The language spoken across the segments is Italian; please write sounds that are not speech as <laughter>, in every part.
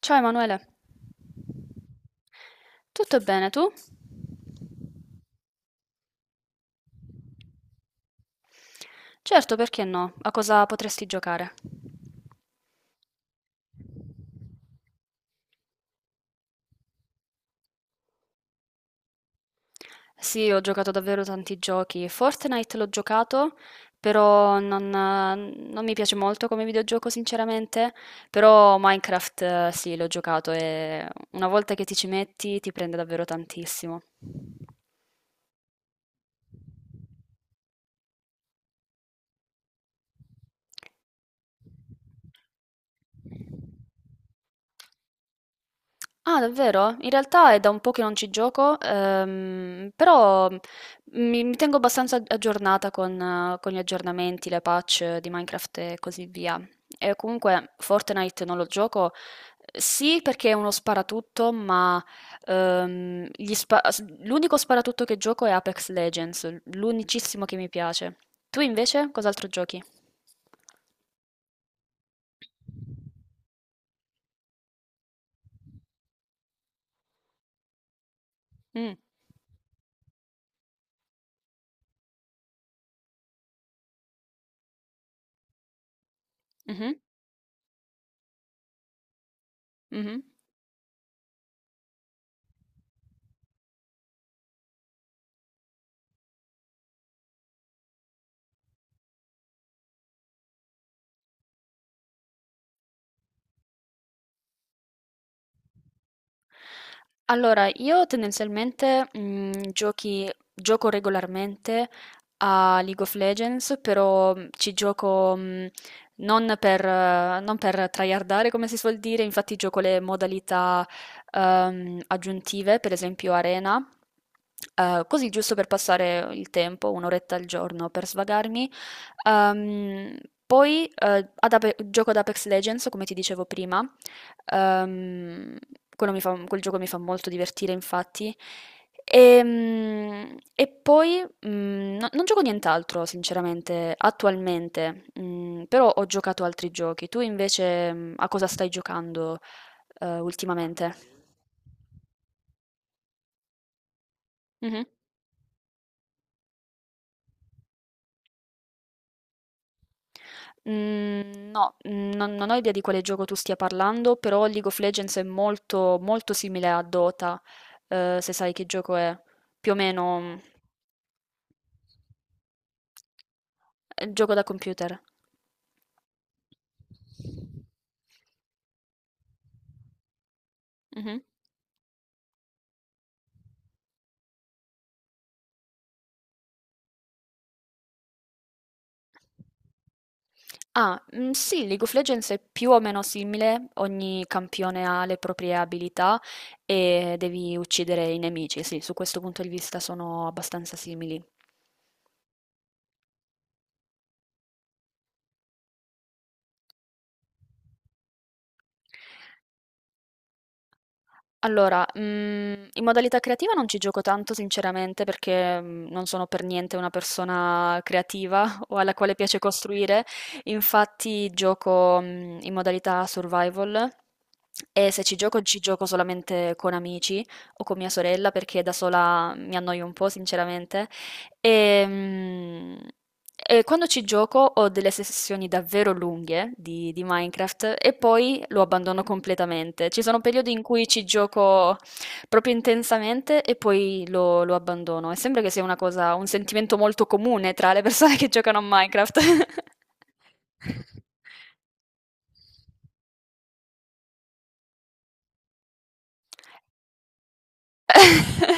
Ciao Emanuele, tutto bene tu? Certo, perché no? A cosa potresti giocare? Sì, ho giocato davvero tanti giochi. Fortnite l'ho giocato, però non mi piace molto come videogioco, sinceramente. Però Minecraft, sì, l'ho giocato e una volta che ti ci metti ti prende davvero tantissimo. Ah, davvero? In realtà è da un po' che non ci gioco, però mi tengo abbastanza aggiornata con gli aggiornamenti, le patch di Minecraft e così via. E comunque Fortnite non lo gioco, sì, perché è uno sparatutto, ma l'unico sparatutto che gioco è Apex Legends, l'unicissimo che mi piace. Tu invece cos'altro giochi? Mm, mhm, mhm. Allora, io tendenzialmente gioco regolarmente a League of Legends, però ci gioco, non per tryhardare, come si suol dire. Infatti gioco le modalità aggiuntive, per esempio Arena, così, giusto per passare il tempo, un'oretta al giorno per svagarmi. Ehm, poi gioco ad Apex Legends, come ti dicevo prima. Ehm, quel gioco mi fa molto divertire, infatti. E poi, no, non gioco nient'altro sinceramente, attualmente, però ho giocato altri giochi. Tu invece, a cosa stai giocando, ultimamente? Mh-mh. Mhmm, no, non ho idea di quale gioco tu stia parlando, però League of Legends è molto, molto simile a Dota, se sai che gioco è. Più o meno, è un gioco da computer. Mh-mh. Ah, sì, League of Legends è più o meno simile: ogni campione ha le proprie abilità e devi uccidere i nemici. Sì, su questo punto di vista sono abbastanza simili. Allora, in modalità creativa non ci gioco tanto sinceramente, perché, non sono per niente una persona creativa <laughs> o alla quale piace costruire. Infatti gioco, in modalità survival, e se ci gioco, ci gioco solamente con amici o con mia sorella, perché da sola mi annoio un po' sinceramente. Ehm, E, quando ci gioco, ho delle sessioni davvero lunghe di Minecraft e poi lo abbandono completamente. Ci sono periodi in cui ci gioco proprio intensamente e poi lo abbandono. E sembra che sia una cosa, un sentimento molto comune tra le persone che giocano a Minecraft. <laughs>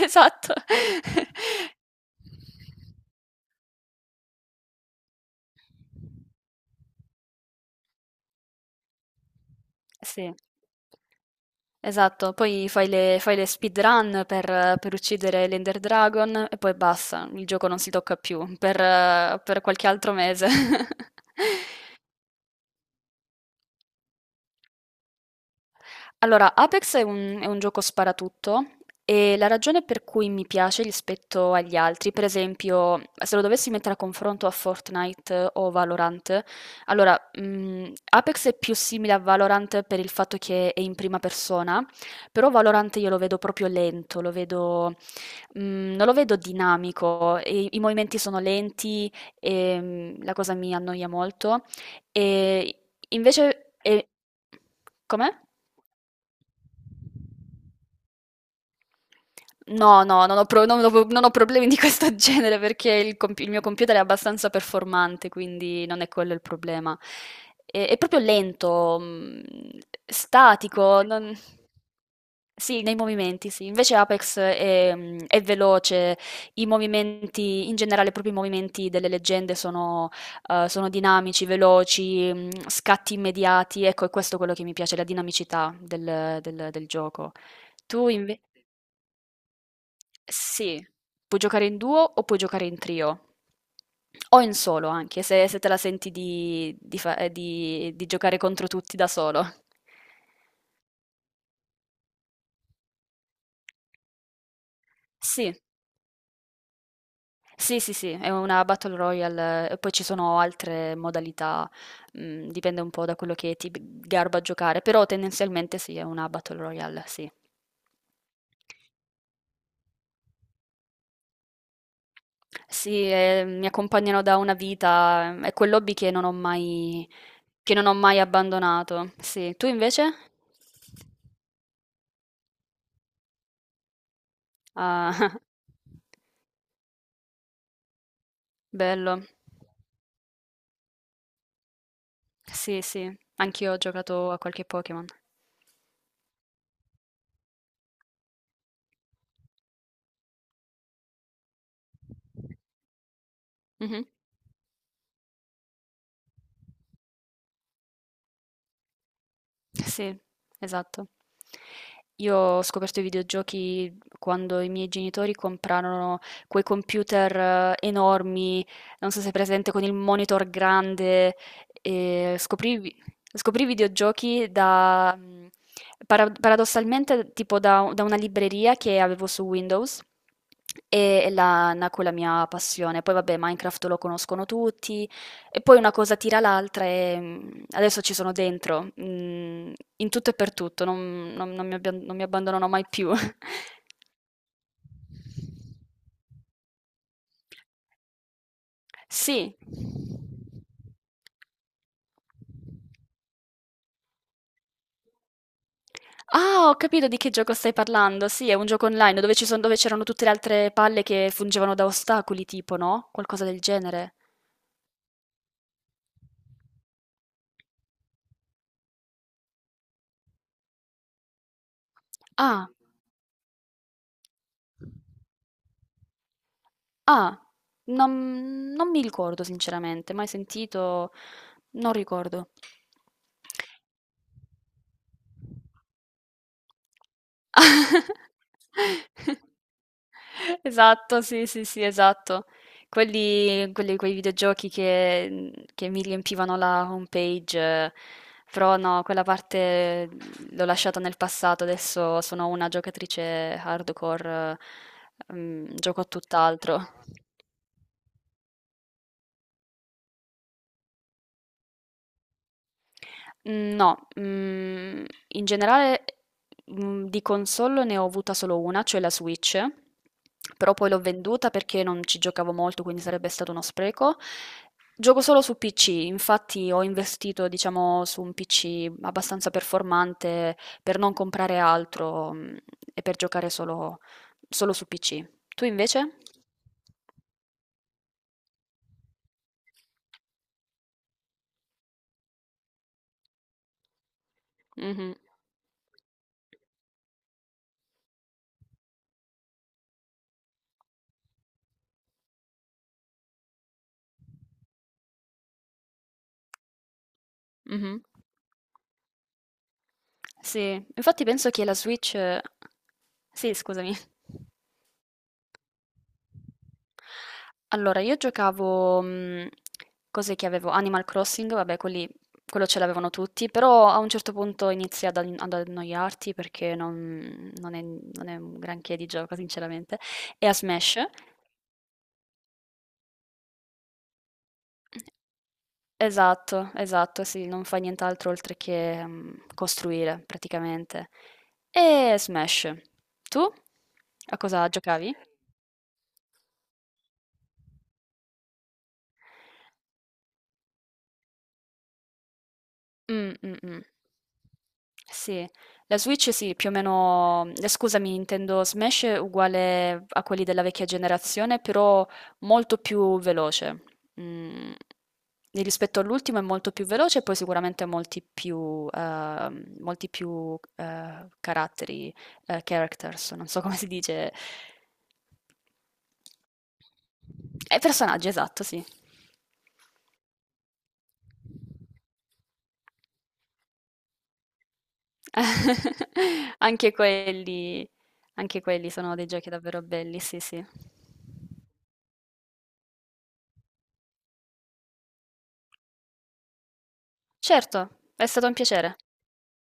Esatto. <laughs> Sì. Esatto, poi fai le speedrun per uccidere l'Ender Dragon e poi basta, il gioco non si tocca più per qualche altro mese. <laughs> Allora, Apex è un gioco sparatutto, e la ragione per cui mi piace rispetto agli altri, per esempio, se lo dovessi mettere a confronto a Fortnite o Valorant: allora, Apex è più simile a Valorant per il fatto che è in prima persona, però Valorant io lo vedo proprio lento, lo vedo, non lo vedo dinamico, i movimenti sono lenti, la cosa mi annoia molto. Ehm, invece e Come? No, no, non ho pro non ho non ho problemi di questo <laughs> genere, perché il mio computer è abbastanza performante, quindi non è quello il problema. È proprio lento, statico, non. Sì, nei movimenti, sì. Invece Apex è veloce, i movimenti in generale, proprio i movimenti delle leggende sono dinamici, veloci, scatti immediati. Ecco, è questo quello che mi piace: la dinamicità del gioco. Tu inve sì, puoi giocare in duo o puoi giocare in trio. O in solo anche, se te la senti di giocare contro tutti da solo. Sì, sì, sì, sì, è una Battle Royale, e poi ci sono altre modalità, dipende un po' da quello che ti garba a giocare, però tendenzialmente sì, è una Battle Royale, sì. Sì, mi accompagnano da una vita, è quell'hobby che non ho mai, abbandonato. Sì, tu invece? Ah, <laughs> bello. Sì, sì, anch'io ho giocato a qualche Pokémon. Mh-mh. Sì, esatto. Io ho scoperto i videogiochi quando i miei genitori comprarono quei computer, enormi, non so se è presente, con il monitor grande. E scoprì i videogiochi da, paradossalmente, tipo da, una libreria che avevo su Windows e là nacque la mia passione. Poi vabbè, Minecraft lo conoscono tutti, e poi una cosa tira l'altra e, adesso ci sono dentro, in tutto e per tutto, non mi abbandonerò mai più. <laughs> Sì. Ah, ho capito di che gioco stai parlando. Sì, è un gioco online dove ci son dove c'erano tutte le altre palle che fungevano da ostacoli, tipo, no, qualcosa del genere. Ah, ah, non mi ricordo sinceramente, mai sentito, non ricordo. <laughs> Esatto, sì, sì, sì, esatto. Quei videogiochi che mi riempivano la homepage, eh, però no, quella parte l'ho lasciata nel passato, adesso sono una giocatrice hardcore, gioco a tutt'altro. Mhmm, no, in generale, di console ne ho avuta solo una, cioè la Switch, però poi l'ho venduta perché non ci giocavo molto, quindi sarebbe stato uno spreco. Gioco solo su PC, infatti ho investito, diciamo, su un PC abbastanza performante per non comprare altro, e per giocare solo su PC. Tu invece? Mh-mh, mh-mh. Sì, infatti penso che la Switch. Sì, scusami. Allora, io giocavo, cos'è che avevo? Animal Crossing, vabbè, quelli quello ce l'avevano tutti, però a un certo punto inizi ad annoiarti perché non è un granché di gioco sinceramente, e a Smash. Esatto, esatto, sì, non fai nient'altro oltre che, costruire praticamente. E Smash. Tu? A cosa giocavi? Mh, mh, mh. Sì, la Switch sì, più o meno, scusami, intendo Smash è uguale a quelli della vecchia generazione, però molto più veloce. Mhmm, e rispetto all'ultimo è molto più veloce, e poi sicuramente molti più, caratteri, characters, non so <laughs> come si dice. Personaggi, esatto, sì. <laughs> Anche quelli, anche quelli sono dei giochi davvero belli, sì, sì. Certo, è stato un piacere.